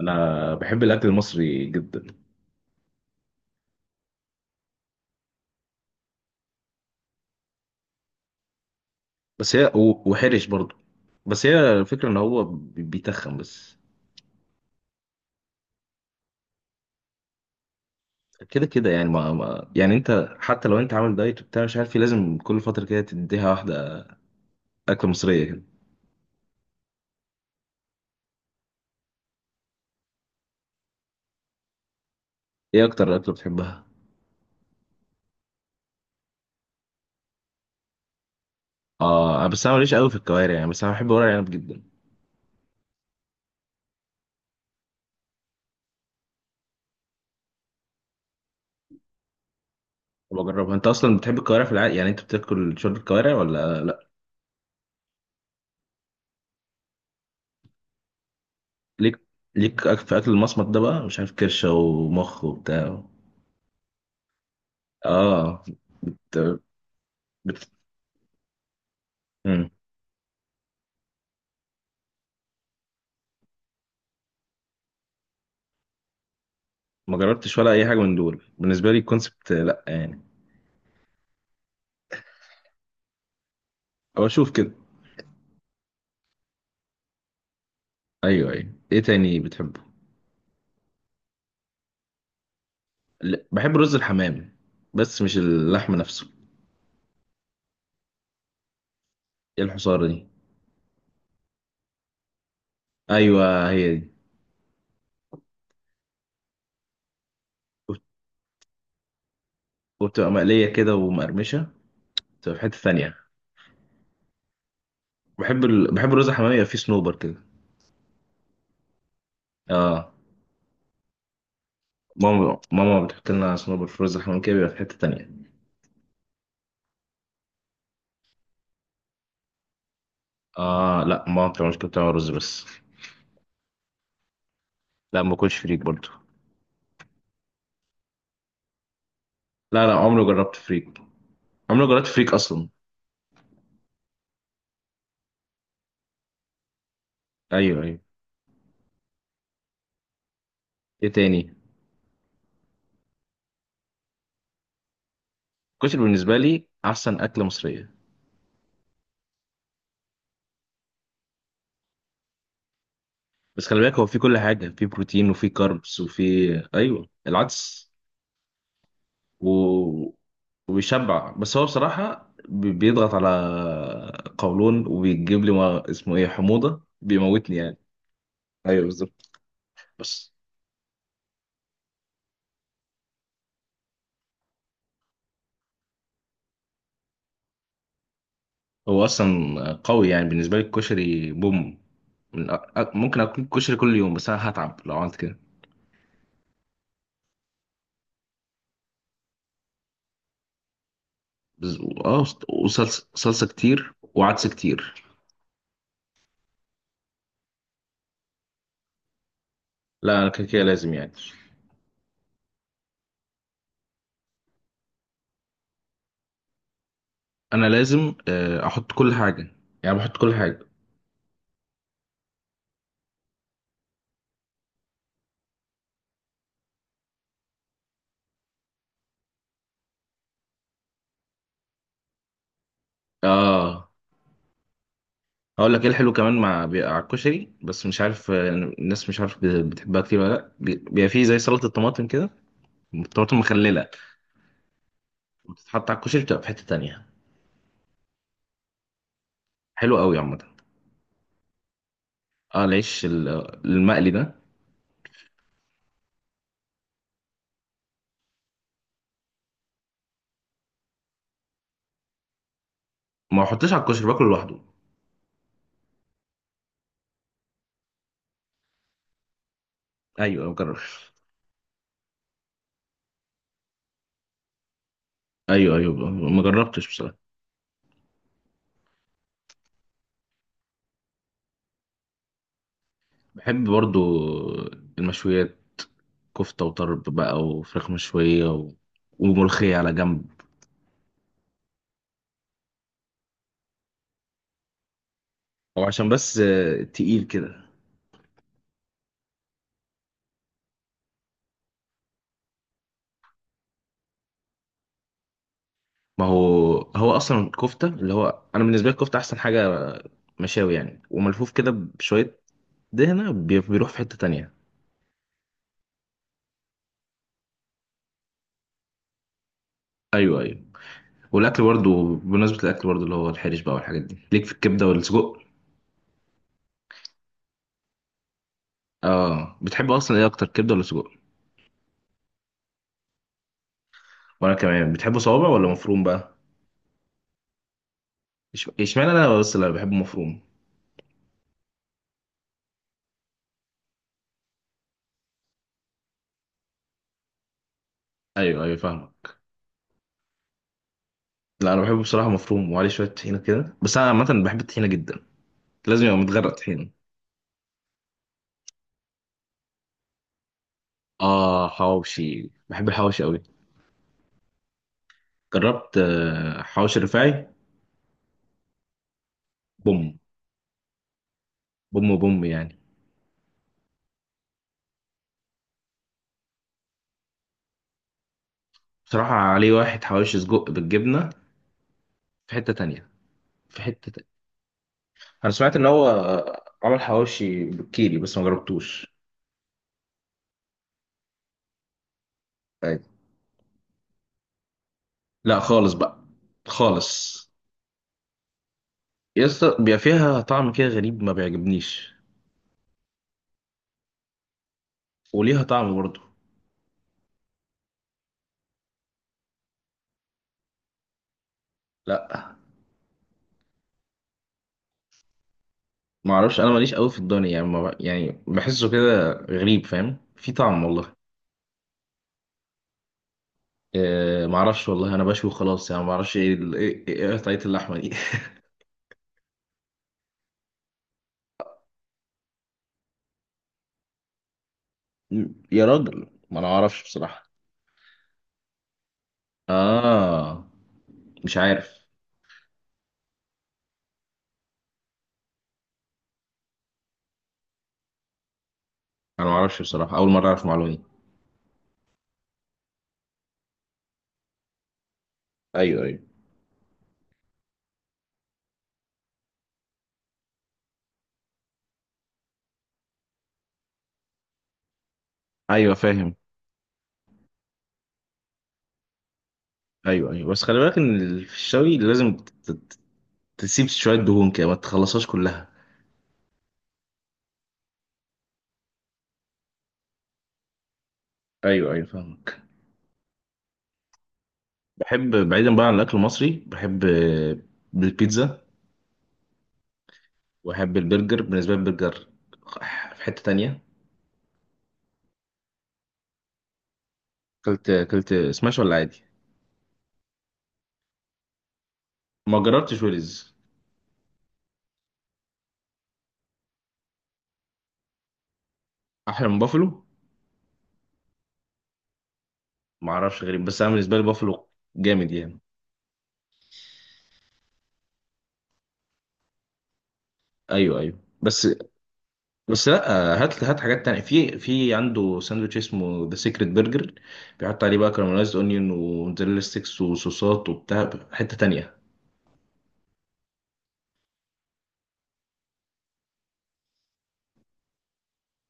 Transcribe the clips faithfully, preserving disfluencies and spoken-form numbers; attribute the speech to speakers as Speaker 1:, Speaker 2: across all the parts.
Speaker 1: انا بحب الاكل المصري جدا. بس هي و- وحرش برضه. بس هي الفكره ان هو بي- بيتخن بس. كده كده يعني ما, ما يعني انت حتى لو انت عامل دايت وبتاع مش عارف إيه، لازم كل فتره كده تديها واحده، اكله مصريه كده. ايه اكتر اكله بتحبها؟ اه، بس انا ماليش قوي في الكوارع يعني، بس انا بحب ورق العنب جدا. وبجربها، انت اصلا بتحب الكوارع في العادي؟ يعني انت بتاكل شوربه كوارع ولا لا؟ ليك ليك أك- في اكل المصمت ده بقى، مش عارف، كرشه ومخ وبتاع؟ اه، بت... بت... ما جربتش ولا اي حاجه من دول، بالنسبه لي الكونسبت لا يعني. او اشوف كده. ايوه ايوه، ايه تاني بتحبه؟ لا، بحب رز الحمام، بس مش اللحم نفسه. ايه الحصار دي؟ ايوه هي دي. وبت- وبتبقى مقليه كده ومقرمشه، بتبقى في حته ثانيه. بحب ال... بحب الرز الحمام يبقى فيه صنوبر كده. اه. ماما ماما بتحط لنا صنوبر في رز الحمام كده، بيبقى في حته تانيه. اه لا، ماما ما بتعملش كده، بتعمل رز بس. لا ما باكلش فريك برضو. لا لا، عمري ما جربت فريك. عمري ما جربت فريك اصلا. ايوه ايوه، ايه تاني؟ الكشري بالنسبة لي أحسن أكلة مصرية. بس خلي بالك هو فيه كل حاجة، فيه بروتين وفيه كاربس وفيه أيوه العدس. و... وبيشبع، بس هو بصراحة بي- بيضغط على قولون وبيجيب لي ما اسمه إيه، حموضة، بيموتني يعني. أيوه بالظبط. بس هو أصلا قوي، يعني بالنسبة لي الكشري بوم. من أ... أ- ممكن أكل كشري كل يوم، بس أنا هتعب لو عملت كده. بس... آه وصلصة صلصة كتير وعدس كتير. لا أنا كده كده لازم يعني. انا لازم آه، احط كل حاجه، يعني بحط كل حاجه. اه. هقول لك ايه الحلو كمان، مع بيبقى على الكشري بس مش عارف آه، الناس، مش عارف بت- بتحبها كتير ولا لا، بي- بيبقى فيه زي سلطه الطماطم كده، الطماطم مخلله، بتتحط على الكشري، بتبقى في حته تانية. حلو قوي عامه. اه، العيش ال- المقلي ده، ما احطش على الكشري، باكله لوحده. ايوه ما جربش. ايوه ايوه ما جربتش بصراحه. بحب برضو المشويات، كفته وطرب بقى وفراخ مشويه و... وملوخيه على جنب. هو عشان بس آه، تقيل كده. ما هو، هو اصلا الكفته اللي هو، انا بالنسبه لي الكفته احسن حاجه، مشاوي يعني وملفوف كده بشويه دهنه بي- بيروح في حته تانية. ايوه ايوه. والاكل برضو، بمناسبه الاكل برضو اللي هو الحرش بقى والحاجات دي، ليك في الكبده والسجق؟ اه، بتحب اصلا ايه اكتر، كبده ولا سجق؟ وانا كمان بتحبه صوابع ولا مفروم بقى؟ إش- اشمعنى انا بس اللي بحبه مفروم؟ ايوه ايوه فاهمك. لا انا بحبه بصراحه مفروم، وعليه شويه طحينه كده، بس انا عامه بحب الطحينه جدا. لازم يبقى متغرق طحينه. اه، حواوشي، بحب الحواوشي قوي. جربت آه، حواوشي رفاعي؟ بوم بوم بوم يعني. بصراحة عليه واحد، حواوشي سجق بالجبنة، في حتة تانية. في حتة تانية. انا سمعت ان هو آه، عمل حواوشي بالكيري بس ما جربتوش. أيوة. لا خالص بقى، خالص. يسطا بيبقى فيها طعم كده غريب، ما بيعجبنيش، وليها طعم برضه. لا ما اعرفش، انا ماليش قوي في الضاني يعني، ما ب- يعني بحسه كده غريب، فاهم، في طعم والله. آه، معرفش والله، انا بشوي خلاص يعني، معرفش ايه ال- ايه إيه قطعية اللحمة دي يا راجل ما انا اعرفش بصراحة. اه، مش عارف، انا معرفش بصراحة، اول مرة اعرف معلومة دي. ايوه ايوه ايوه فاهم. ايوه ايوه، بس خلي بالك ان ال- في الشوي لازم ت- تسيب شوية دهون كده، ما تخلصهاش كلها. ايوه ايوه فاهمك. بحب بعيدا بقى عن الاكل المصري، بحب آه، البيتزا، واحب البرجر. بالنسبه لي البرجر في حته تانية. اكلت اكلت سماش ولا عادي؟ ما جربتش ويلز. احلى من بافلو؟ ما اعرفش، غريب، بس انا بالنسبه لي بافلو جامد يعني. ايوه ايوه، بس بس لا، هات هات حاجات تانية، في في عنده ساندوتش اسمه ذا سيكريت برجر، بيحط عليه بقى كراميلايزد اونيون وموتزاريلا ستيكس وصوصات وبتاع، حته تانية.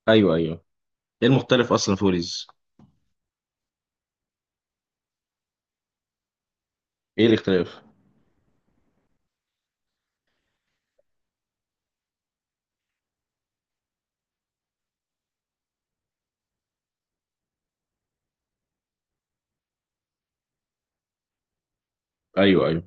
Speaker 1: ايوه ايوه، ايه المختلف اصلا في وليز؟ ايه الاختلاف؟ ايوه ايوه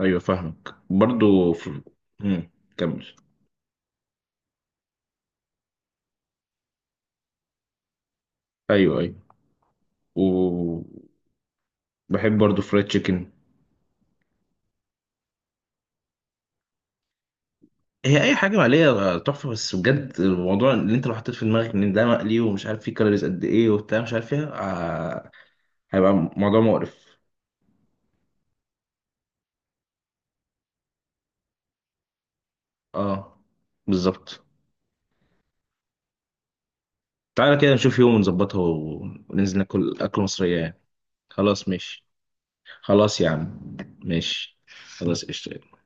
Speaker 1: ايوه فاهمك برضو في. مم. كمل. ايوه ايوه. وبحب برضو فرايد تشيكن. هي اي حاجه مقليه تحفه بس بجد، الموضوع اللي انت لو حطيت في دماغك ان ده مقلي ومش عارف فيه كالوريز قد ايه وبتاع، مش عارف ايه آه، هيبقى موضوع مقرف. اه بالظبط. تعالى كده نشوف يوم ونظبطها وننزل ناكل اكل مصريه يعني. خلاص ماشي. خلاص يا عم، ماشي. خلاص قشطة.